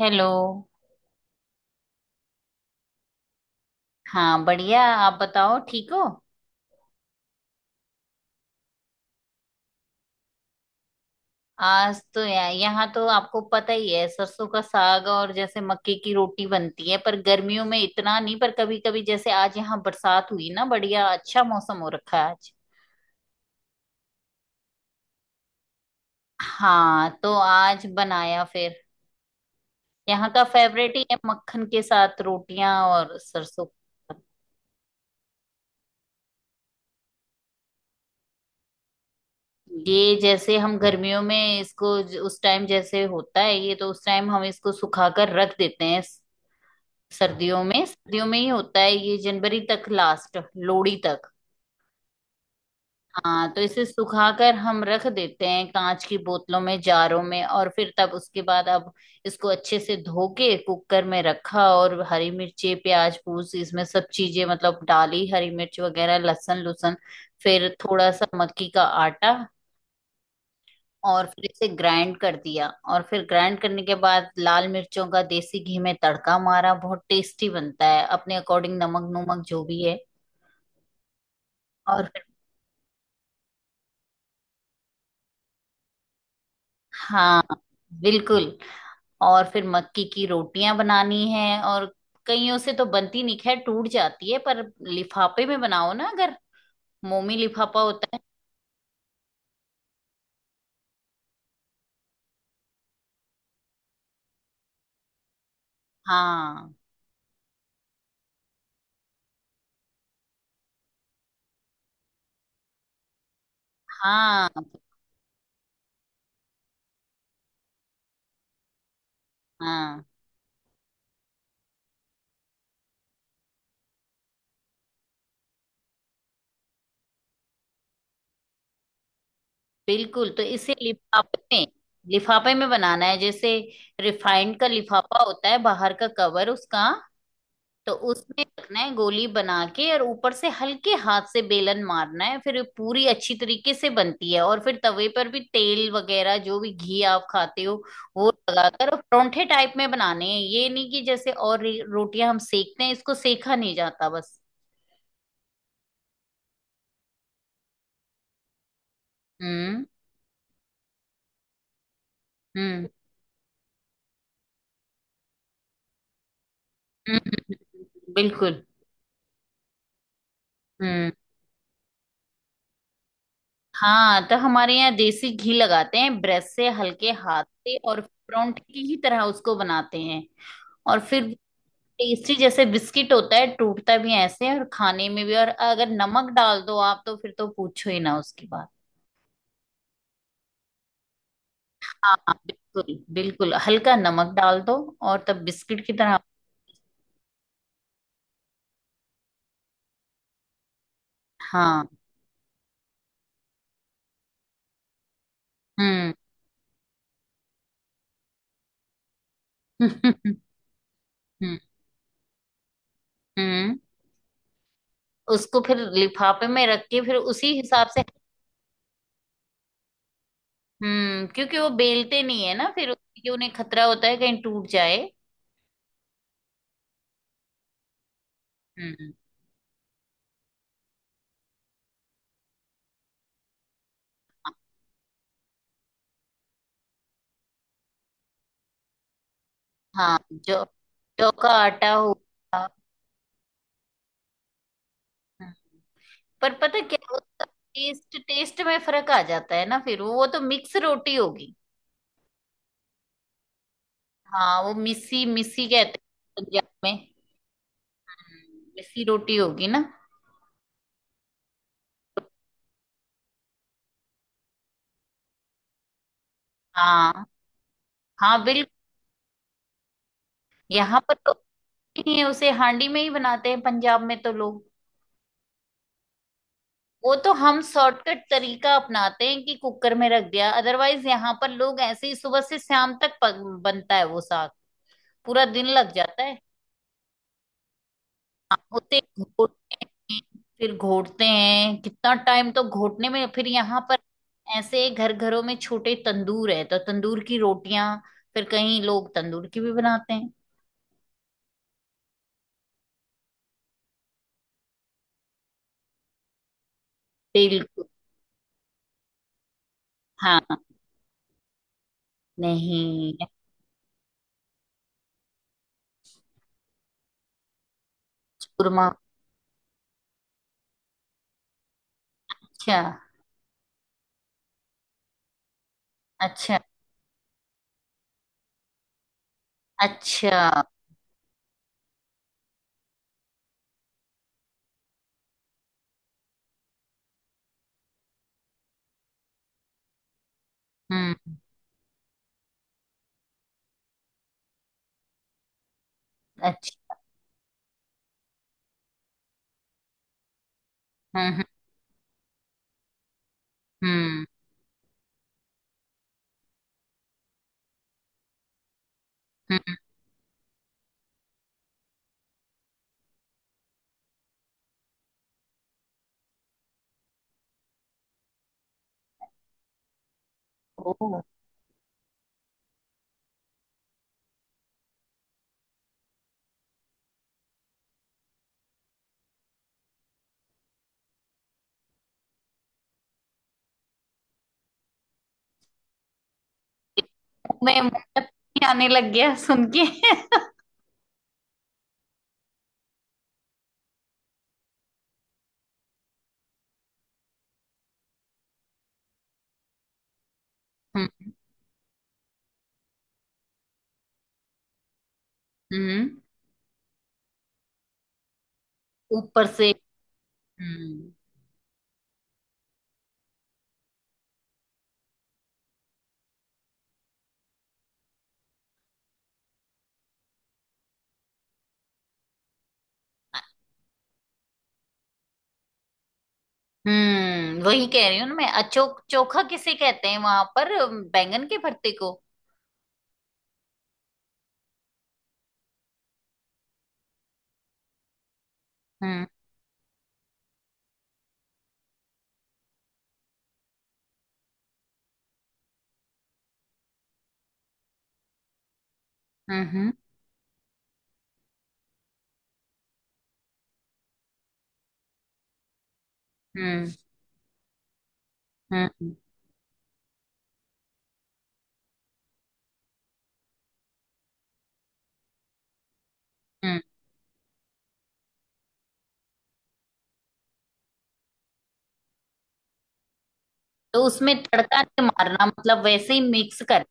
Hello. हाँ बढ़िया, आप बताओ, ठीक हो? आज तो यहाँ तो आपको पता ही है, सरसों का साग, और जैसे मक्के की रोटी बनती है, पर गर्मियों में इतना नहीं, पर कभी कभी जैसे आज यहाँ बरसात हुई ना, बढ़िया अच्छा मौसम हो रखा है आज। हाँ तो आज बनाया फिर। यहाँ का फेवरेट ही है, मक्खन के साथ रोटियां और सरसों का साग। ये जैसे हम गर्मियों में इसको उस टाइम जैसे होता है, ये तो उस टाइम हम इसको सुखाकर रख देते हैं। सर्दियों में ही होता है ये, जनवरी तक, लास्ट लोहड़ी तक। हाँ तो इसे सुखाकर हम रख देते हैं कांच की बोतलों में, जारों में, और फिर तब उसके बाद अब इसको अच्छे से धो के कुकर में रखा, और हरी मिर्ची, प्याज पूस, इसमें सब चीजें मतलब डाली, हरी मिर्च वगैरह, लहसुन लुसन, फिर थोड़ा सा मक्की का आटा, और फिर इसे ग्राइंड कर दिया। और फिर ग्राइंड करने के बाद लाल मिर्चों का देसी घी में तड़का मारा। बहुत टेस्टी बनता है, अपने अकॉर्डिंग नमक नुमक जो भी है। और फिर हाँ, बिल्कुल। और फिर मक्की की रोटियां बनानी है, और कईयों से तो बनती नहीं, खैर टूट जाती है, पर लिफाफे में बनाओ ना अगर। मोमी लिफाफा होता है। हाँ। हाँ। हाँ बिल्कुल, तो इसे लिफाफे में, लिफाफे में बनाना है। जैसे रिफाइंड का लिफाफा होता है, बाहर का कवर उसका। तो उसमें रखना है गोली बना के, और ऊपर से हल्के हाथ से बेलन मारना है, फिर ये पूरी अच्छी तरीके से बनती है। और फिर तवे पर भी तेल वगैरह, जो भी घी आप खाते हो, वो लगाकर, और परोंठे टाइप में बनाने हैं। ये नहीं कि जैसे और रोटियां हम सेकते हैं, इसको सेका नहीं जाता बस। हम्म। हम्म। हम्म, हम्म, बिल्कुल। हम्म। हाँ, तो हमारे यहाँ देसी घी लगाते हैं ब्रश से, हल्के हाथ से, और परोंठे की ही तरह उसको बनाते हैं। और फिर टेस्टी, जैसे बिस्किट होता है, टूटता भी ऐसे है, और खाने में भी। और अगर नमक डाल दो आप तो फिर तो पूछो ही ना उसकी बात। हाँ हाँ, बिल्कुल बिल्कुल, हल्का नमक डाल दो और तब बिस्किट की तरह। हाँ। हम्म। हम्म। हम्म, उसको फिर लिफाफे में रख के फिर उसी हिसाब से। हम्म, क्योंकि वो बेलते नहीं है ना फिर, क्योंकि उन्हें खतरा होता है कहीं टूट जाए। हम्म। हाँ, जो जौ का आटा हो। हाँ, पर पता क्या होता, टेस्ट टेस्ट में फर्क आ जाता है ना फिर, वो तो मिक्स रोटी होगी। हाँ, वो मिस्सी मिस्सी कहते हैं पंजाब में। मिस्सी रोटी होगी ना। हाँ। हाँ बिल्कुल। यहाँ पर तो नहीं है, उसे हांडी में ही बनाते हैं पंजाब में तो लोग। वो तो हम शॉर्टकट तरीका अपनाते हैं कि कुकर में रख दिया, अदरवाइज यहाँ पर लोग ऐसे ही सुबह से शाम तक बनता है वो साग, पूरा दिन लग जाता है। होते घोटते हैं, फिर घोटते हैं, कितना टाइम तो घोटने में, फिर यहाँ पर ऐसे घर घरों में छोटे तंदूर है, तो तंदूर की रोटियां, फिर कहीं लोग तंदूर की भी बनाते हैं। बिल्कुल। हाँ। नहीं, चूरमा। अच्छा। अच्छा। अच्छा। हम्म। अच्छा। हम्म। हम्म। हम्म। ओ, मैं मुंह में पानी आने लग गया सुन के। हम्म। हम्म, ऊपर से। हम्म। हम्म, वही कह रही हूँ ना मैं, अचोक चोखा किसे कहते हैं वहां पर, बैंगन के भरते को। हम्म। हम्म। हम्म। हम्म। हम्म। हम्म। तो उसमें तड़का नहीं मारना, मतलब वैसे ही मिक्स कर।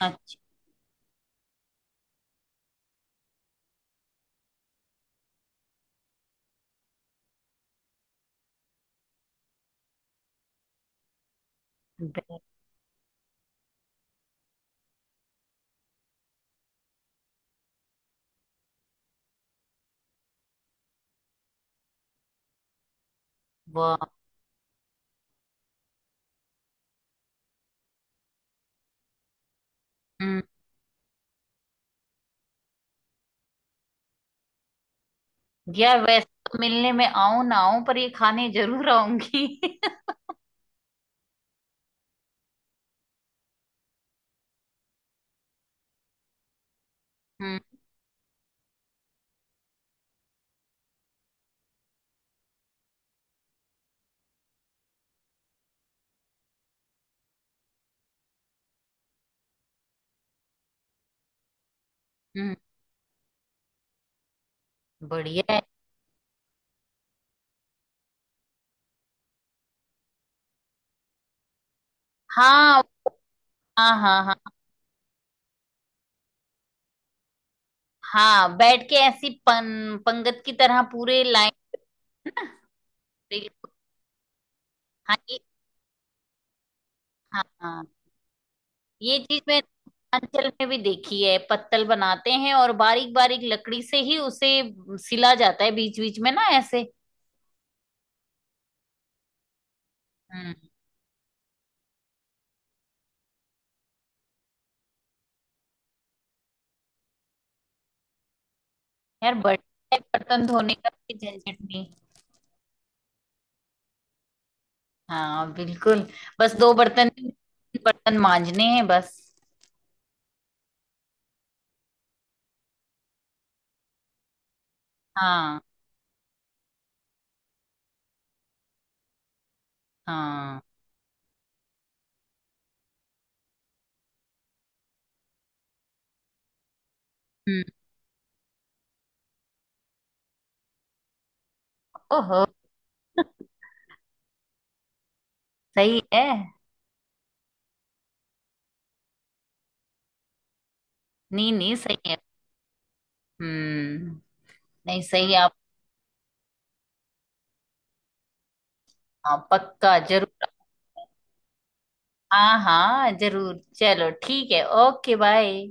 अच्छा। बे- वाह। हम्म। यार वैसे तो मिलने में आऊं ना आऊं, पर ये खाने जरूर आऊंगी। हम्म। हम्म, बढ़िया है। हाँ हाँ हाँ हाँ। हाँ, बैठ के ऐसी पंगत की तरह पूरे लाइन। हाँ हाँ हाँ। ये चीज मैं अंचल में भी देखी है, पत्तल बनाते हैं और बारीक बारीक लकड़ी से ही उसे सिला जाता है बीच बीच में ना ऐसे। हम्म। यार, बड़े बर्तन धोने का भी झंझट नहीं। हाँ बिल्कुल। बस दो बर्तन, बर्तन मांजने हैं बस। हाँ। हाँ। हम्म। ओहो। सही है। नहीं नहीं, सही है। हम्म। नहीं, सही है आप। हाँ, पक्का जरूर। हाँ हाँ जरूर, चलो ठीक है, ओके बाय।